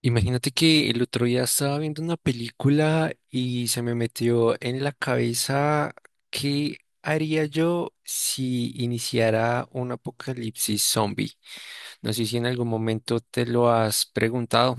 Imagínate que el otro día estaba viendo una película y se me metió en la cabeza qué haría yo si iniciara un apocalipsis zombie. No sé si en algún momento te lo has preguntado.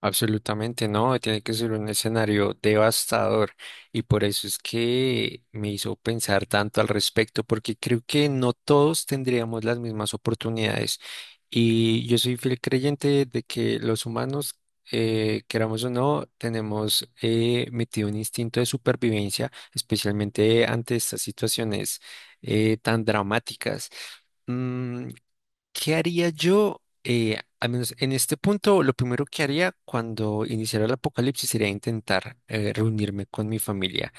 Absolutamente no, tiene que ser un escenario devastador y por eso es que me hizo pensar tanto al respecto, porque creo que no todos tendríamos las mismas oportunidades y yo soy fiel creyente de que los humanos, queramos o no, tenemos metido un instinto de supervivencia, especialmente ante estas situaciones tan dramáticas. Mm, ¿Qué haría yo? Al menos en este punto, lo primero que haría cuando iniciara el apocalipsis sería intentar reunirme con mi familia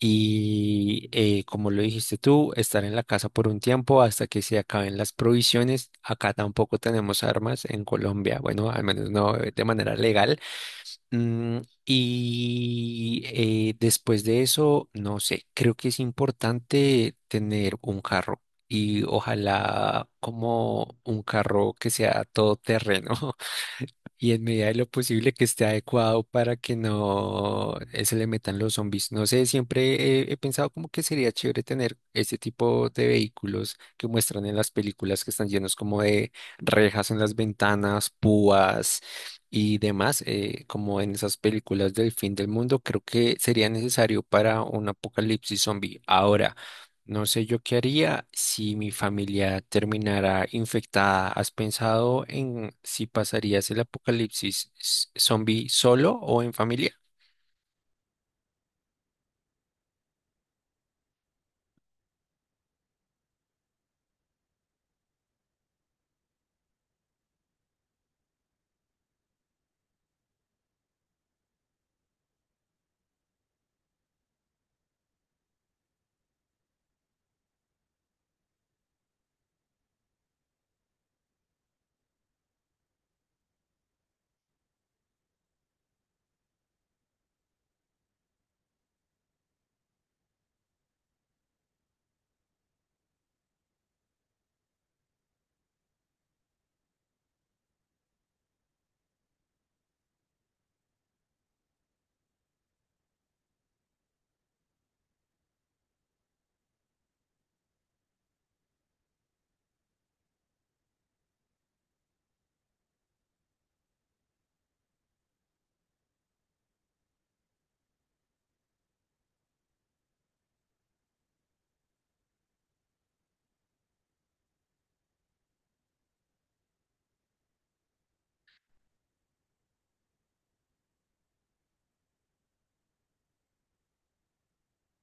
y, como lo dijiste tú, estar en la casa por un tiempo hasta que se acaben las provisiones. Acá tampoco tenemos armas en Colombia, bueno, al menos no de manera legal. Mm, y después de eso, no sé, creo que es importante tener un carro y ojalá como un carro que sea todoterreno. Y en medida de lo posible que esté adecuado para que no se le metan los zombies. No sé, siempre he pensado como que sería chévere tener este tipo de vehículos que muestran en las películas que están llenos como de rejas en las ventanas, púas y demás, como en esas películas del fin del mundo. Creo que sería necesario para un apocalipsis zombie. Ahora. No sé yo qué haría si mi familia terminara infectada. ¿Has pensado en si pasarías el apocalipsis zombie solo o en familia?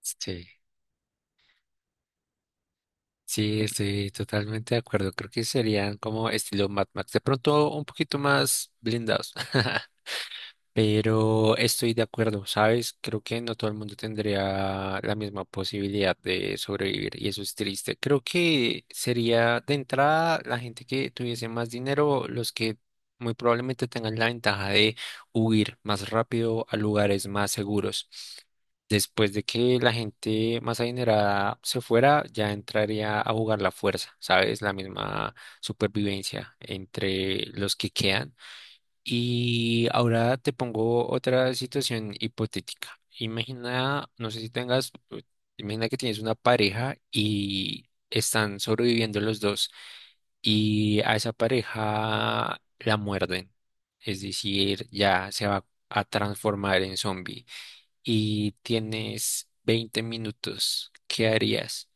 Sí, sí, estoy totalmente de acuerdo. Creo que serían como estilo Mad Max, de pronto un poquito más blindados. Pero estoy de acuerdo, ¿sabes? Creo que no todo el mundo tendría la misma posibilidad de sobrevivir y eso es triste. Creo que sería de entrada la gente que tuviese más dinero, los que muy probablemente tengan la ventaja de huir más rápido a lugares más seguros. Después de que la gente más adinerada se fuera, ya entraría a jugar la fuerza, ¿sabes? La misma supervivencia entre los que quedan. Y ahora te pongo otra situación hipotética. Imagina, no sé si tengas, imagina que tienes una pareja y están sobreviviendo los dos y a esa pareja la muerden. Es decir, ya se va a transformar en zombie y tienes 20 minutos. ¿Qué harías?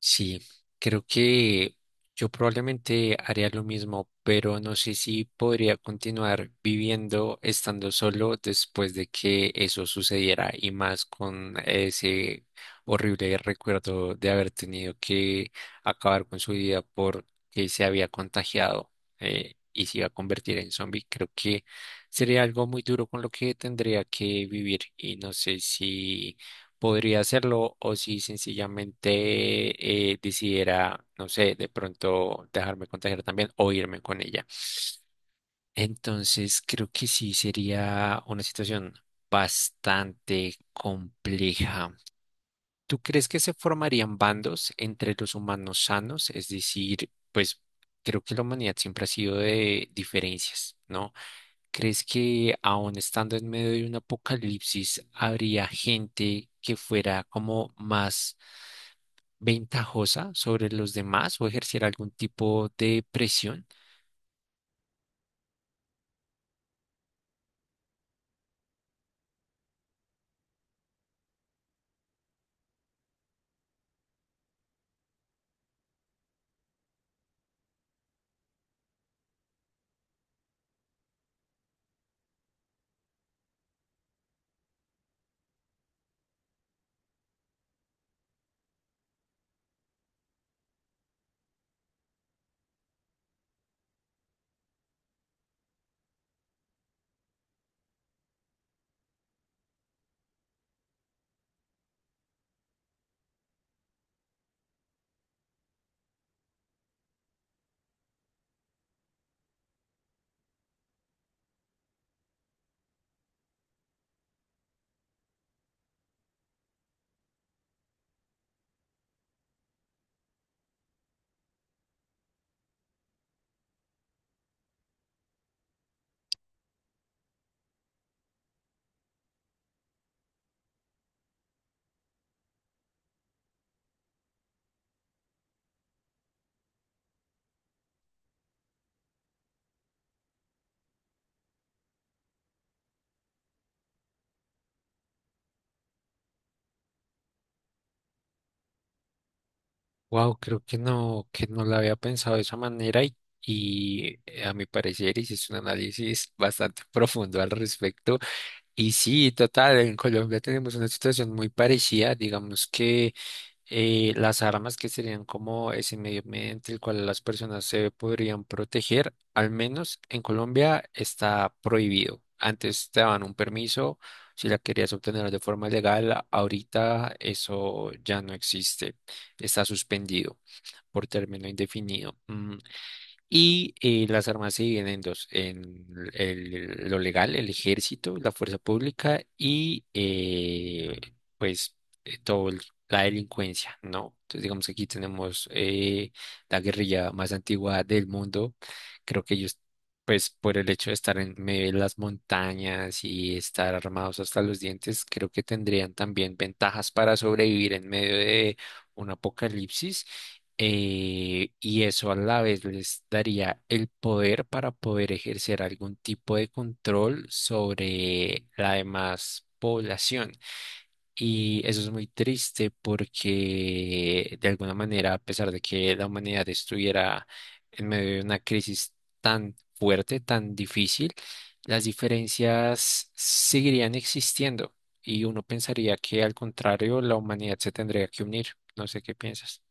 Sí, creo que yo probablemente haría lo mismo, pero no sé si podría continuar viviendo estando solo después de que eso sucediera y más con ese horrible recuerdo de haber tenido que acabar con su vida porque se había contagiado, y se iba a convertir en zombie. Creo que sería algo muy duro con lo que tendría que vivir y no sé si podría hacerlo o si sencillamente decidiera, no sé, de pronto dejarme contagiar también o irme con ella. Entonces, creo que sí sería una situación bastante compleja. ¿Tú crees que se formarían bandos entre los humanos sanos? Es decir, pues creo que la humanidad siempre ha sido de diferencias, ¿no? ¿Crees que aún estando en medio de un apocalipsis habría gente que fuera como más ventajosa sobre los demás o ejercer algún tipo de presión? Wow, creo que no la había pensado de esa manera y, y a mi parecer hiciste un análisis bastante profundo al respecto. Y sí, total, en Colombia tenemos una situación muy parecida, digamos que las armas que serían como ese medio mediante el cual las personas se podrían proteger, al menos en Colombia está prohibido. Antes te daban un permiso si la querías obtener de forma legal, ahorita eso ya no existe, está suspendido por término indefinido. Y las armas se dividen en dos, en lo legal, el ejército, la fuerza pública y pues todo la delincuencia, ¿no? Entonces digamos que aquí tenemos la guerrilla más antigua del mundo. Creo que ellos, pues por el hecho de estar en medio de las montañas y estar armados hasta los dientes, creo que tendrían también ventajas para sobrevivir en medio de un apocalipsis, y eso a la vez les daría el poder para poder ejercer algún tipo de control sobre la demás población. Y eso es muy triste porque de alguna manera, a pesar de que la humanidad estuviera en medio de una crisis tan fuerte, tan difícil, las diferencias seguirían existiendo. Y uno pensaría que al contrario, la humanidad se tendría que unir. No sé qué piensas.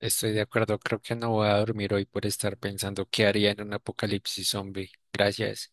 Estoy de acuerdo, creo que no voy a dormir hoy por estar pensando qué haría en un apocalipsis zombie. Gracias.